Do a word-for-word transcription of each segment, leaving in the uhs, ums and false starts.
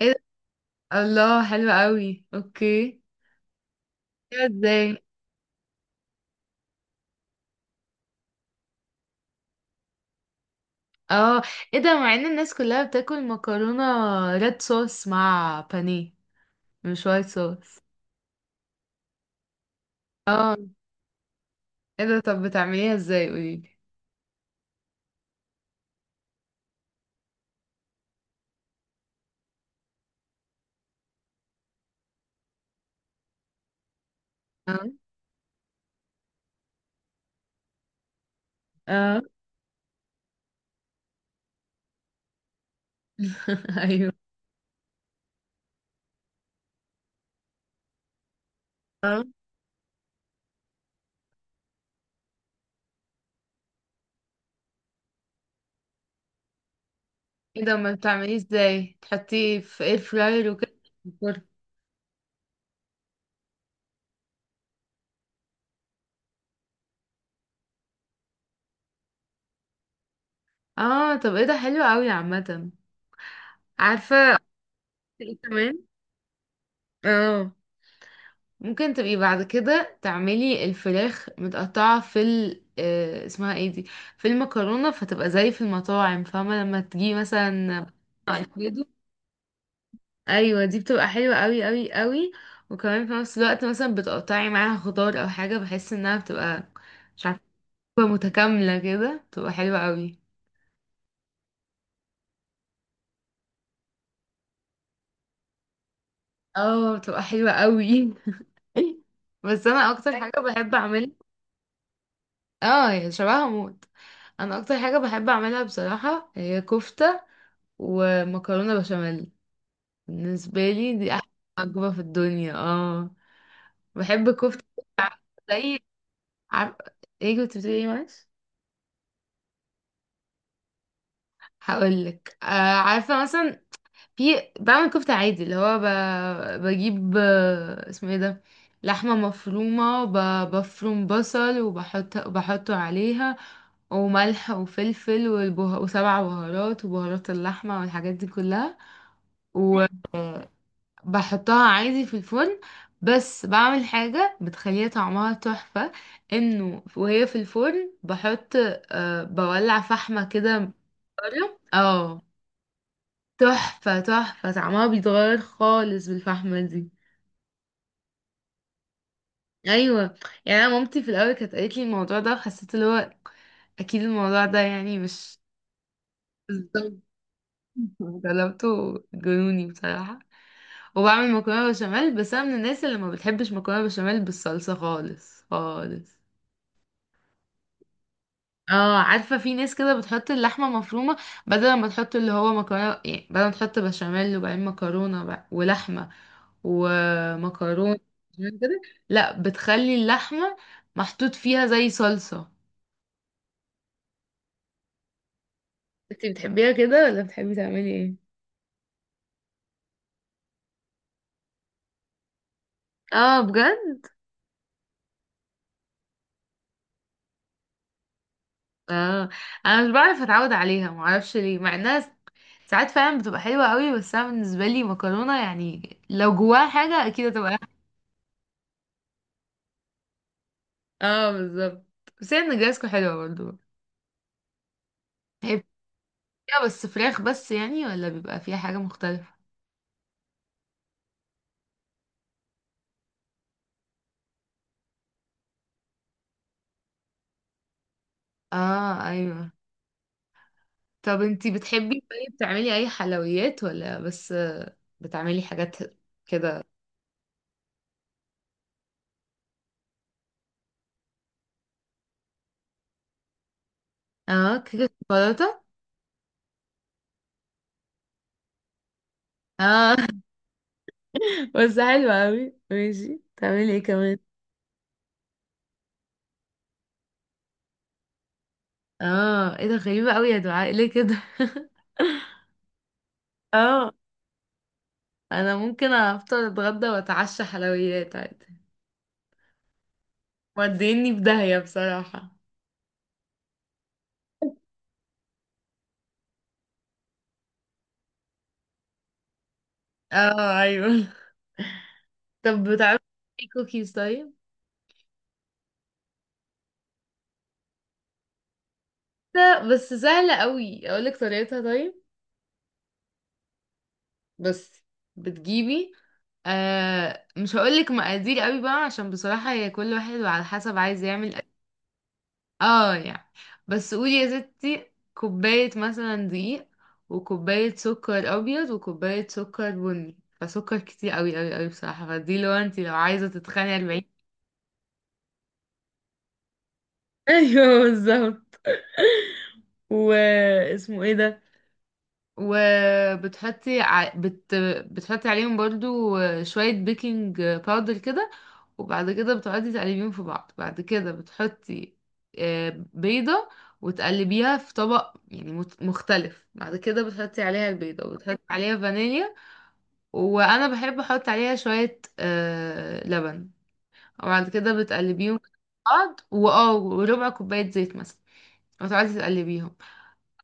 ايه ده؟ الله حلو قوي، اوكي. كده ازاي؟ اه ايه ده؟ مع ان الناس كلها بتاكل مكرونة ريد صوص مع بانيه، مش وايت صوص. اه ايه ده؟ طب بتعمليها ازاي؟ قوليلي. اه. اه. ايوه. اه. ايه ده؟ ما بتعمليه ازاي؟ تحطيه في اير فراير وكده في الفرن؟ اه. طب ايه ده، حلو قوي عامة. عارفة. ايه كمان. اه. ممكن تبقي بعد كده تعملي الفراخ متقطعة في ال آه، اسمها ايه دي، في المكرونة، فتبقى زي في المطاعم، فاهمة؟ لما تجي مثلا الفريدو. ايوه، دي بتبقى حلوة قوي قوي قوي. وكمان في نفس الوقت مثلا بتقطعي معاها خضار او حاجة، بحس انها بتبقى، مش عارفة، بتبقى متكاملة كده، بتبقى حلوة قوي. اه، بتبقى حلوة قوي. بس انا اكتر حاجة بحب اعملها، اه يعني شبهها موت، انا اكتر حاجة بحب اعملها بصراحة هي كفتة ومكرونة بشاميل. بالنسبة لي دي أحلى وجبة في الدنيا. اه، بحب كفتة. عارفة؟ زي، عارف؟ ايه كنت بتقولي؟ ايه، معلش. هقولك. آه عارفة مثلا، في، بعمل كفتة عادي اللي هو ب... بجيب، آه، اسمه ايه ده، لحمة مفرومة، ب... بفروم بصل وبحط بحطه عليها، وملح وفلفل والبه... وسبع بهارات وبهارات اللحمة والحاجات دي كلها و... بحطها عادي في الفرن، بس بعمل حاجة بتخليها طعمها تحفة، انه وهي في الفرن بحط، أه، بولع فحمة كده من بره. اه، تحفة، تحفة، طعمها بيتغير خالص بالفحمة دي. ايوه، يعني انا مامتي في الاول كانت قالت لي الموضوع ده، وحسيت اللي هو اكيد الموضوع ده يعني مش، بالظبط. جربته، جنوني بصراحة. وبعمل مكرونة بشاميل، بس انا من الناس اللي ما بتحبش مكرونة بشاميل بالصلصة خالص خالص. اه، عارفة في ناس كده بتحط اللحمة مفرومة، بدل ما تحط اللي هو مكرونة يعني، بدل ما تحط بشاميل وبعدين مكرونة بقى ولحمة ومكرونة بشاميل كده، لا، بتخلي اللحمة محطوط فيها زي صلصة. انتي بتحبيها كده ولا بتحبي تعملي ايه؟ اه بجد؟ اه، انا مش بعرف اتعود عليها، معرفش ليه، مع انها ساعات فعلا بتبقى حلوة قوي، بس انا بالنسبة لي مكرونة يعني لو جواها حاجة اكيد هتبقى أحلى. اه بالظبط، بس هي نجرسكو حلوة برضه. يا بس فراخ بس يعني، ولا بيبقى فيها حاجة مختلفة. اه ايوه. طب انتي بتحبي طيب تعملي اي حلويات، ولا بس آه، بتعملي حاجات كده؟ اه، كيكة شوكولاتة. اه. بس حلوة اوي، ماشي. تعملي ايه كمان؟ اه ايه ده، غريبة اوي يا دعاء، ليه كده؟ اه، انا ممكن افطر اتغدى واتعشى حلويات عادي. موديني في داهية بصراحة. اه ايوه. طب بتعرفي تعملي كوكيز طيب؟ ده بس سهلة قوي، اقولك طريقتها طيب. بس بتجيبي، آه، مش هقولك مقادير قوي بقى، عشان بصراحة هي كل واحد وعلى حسب عايز يعمل قد-، اه يعني. بس قولي يا ستي كوباية مثلا دقيق، وكوباية سكر ابيض، وكوباية سكر بني. فسكر كتير قوي قوي قوي بصراحة، فدي لو انتي لو عايزة تتخني. أربعين. ايوه بالظبط. واسمه ايه ده، وبتحطي ع... بت... بتحطي عليهم برضو شوية بيكنج باودر كده، وبعد كده بتقعدي تقلبيهم في بعض. بعد كده بتحطي، آه، بيضة، وتقلبيها في طبق يعني مت- مختلف. بعد كده بتحطي عليها البيضة وتحطي عليها فانيليا، وأنا بحب أحط عليها شوية آه، لبن، وبعد كده بتقلبيهم في بعض واه وربع كوباية زيت مثلا، وتقعدي تقلبيهم.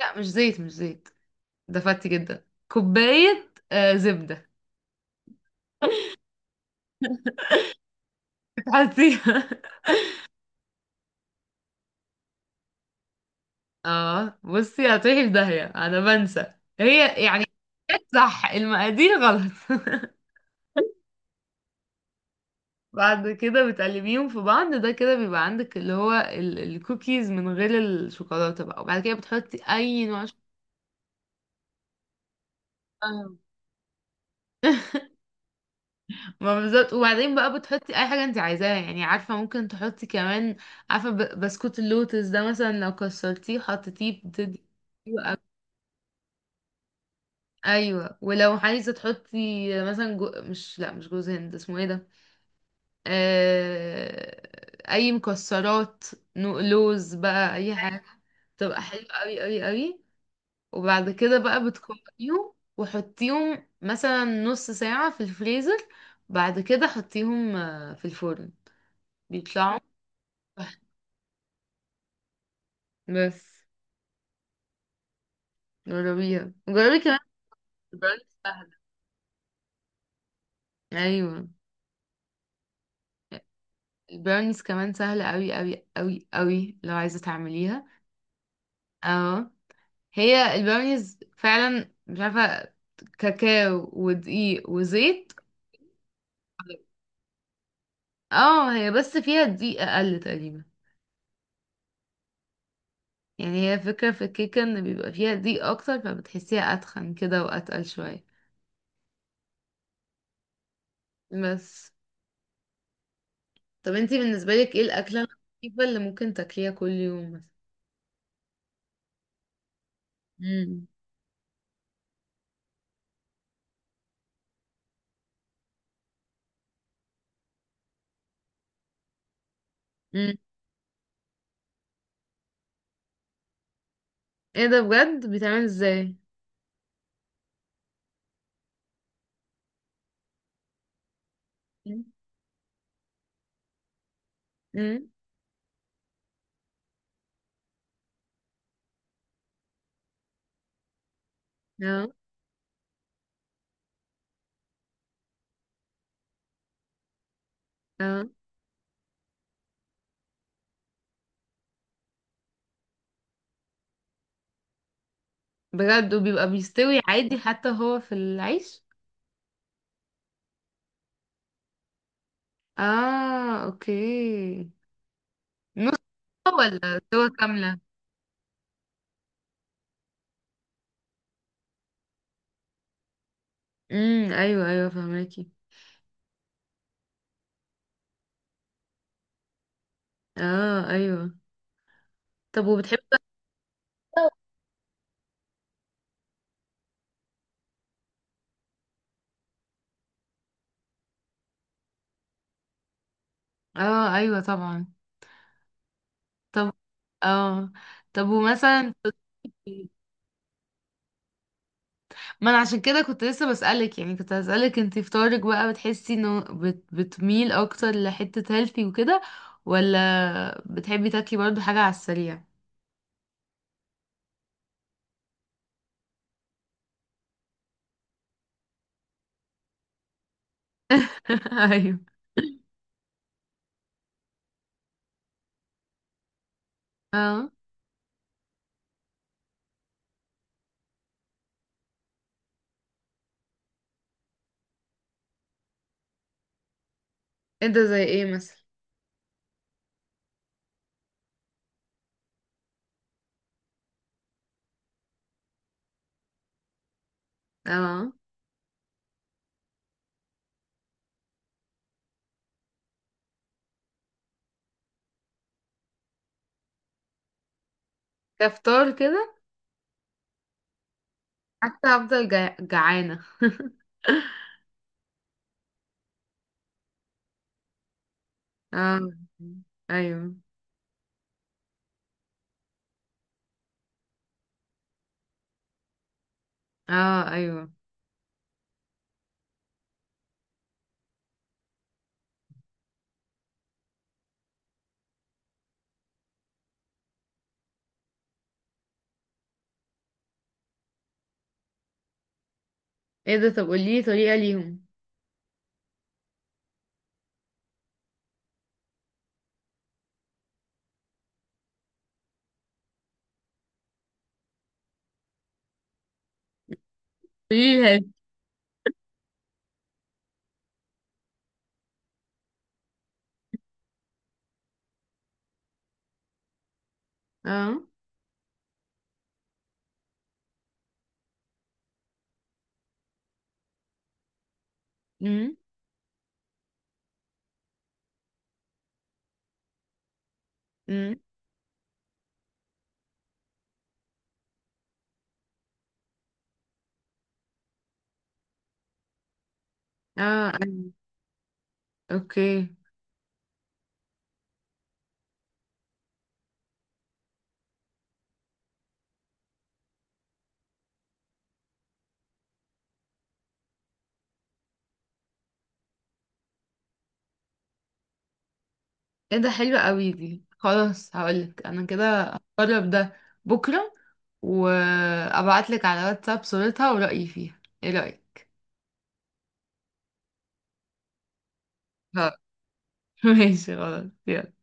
لا، مش زيت مش زيت، دفعتي جدا، كوباية آه زبدة بتحطيها. اه بصي، هتروحي في داهية انا بنسى، هي يعني، صح، المقادير غلط. بعد كده بتقلبيهم في بعض، ده كده بيبقى عندك اللي هو ال- الكوكيز من غير الشوكولاتة بقى، وبعد كده بتحطي اي نوع شوكولاتة. ما بالظبط. وبعدين بقى بتحطي اي حاجه انت عايزاها يعني، عارفه ممكن تحطي كمان، عارفه ب- بسكوت اللوتس ده مثلا، لو كسرتيه وحطيتيه بتدي. ايوه. ولو عايزه تحطي مثلا، جو... مش لا مش جوز هند، اسمه ايه ده، آه، اي مكسرات، نو- لوز بقى، اي حاجه تبقى حلوه قوي قوي قوي. وبعد كده بقى بتكوريهم وحطيهم مثلا نص ساعه في الفريزر. بعد كده حطيهم آه، في الفرن، بيطلعوا تحفة. بس جربيها، جربي كمان. البراونيز سهله. ايوه البراونيز كمان سهله قوي قوي قوي قوي، لو عايزه تعمليها. اه، هي البراونيز فعلا، مش عارفة، كاكاو ودقيق وزيت. اه، هي بس فيها دقيق اقل تقريبا. يعني هي فكرة في الكيكة ان بيبقى فيها دقيق اكتر، فبتحسيها اتخن كده واتقل شوية. بس. طب انتي بالنسبة لك ايه الاكلة الخفيفة اللي ممكن تاكليها كل يوم مثلا؟ امم امم ايه ده بجد، بيتعمل ازاي؟ امم اه. اه بجد؟ وبيبقى بيستوي عادي حتى هو في العيش؟ اه اوكي. ولا صور كاملة؟ امم ايوه ايوه فهماكي. اه ايوه. طب وبتحبي بقى، اه ايوه طبعا. طب، اه، طب ومثلا كنت-، ما انا عشان كده كنت لسه بسألك يعني، كنت هسألك انت فطارك بقى بتحسي انه بت... بتميل اكتر لحتة هيلثي وكده، ولا بتحبي تاكلي برضو حاجة على السريع؟ ايوه. اه. انت زي ايه مثلا؟ اه، كفطار كده حتى هفضل جع... جعانة. اه ايوه. اه ايوه. ايه ده، طب قولي طريقة ليهم. قوليلي لي. اه. امم امم اه ايوه اوكي. ايه ده حلو قوي، دي خلاص، هقولك انا كده هجرب ده بكرة، وابعتلك على واتساب صورتها ورأيي فيها، ايه رأيك؟ اه. ماشي خلاص، يلا.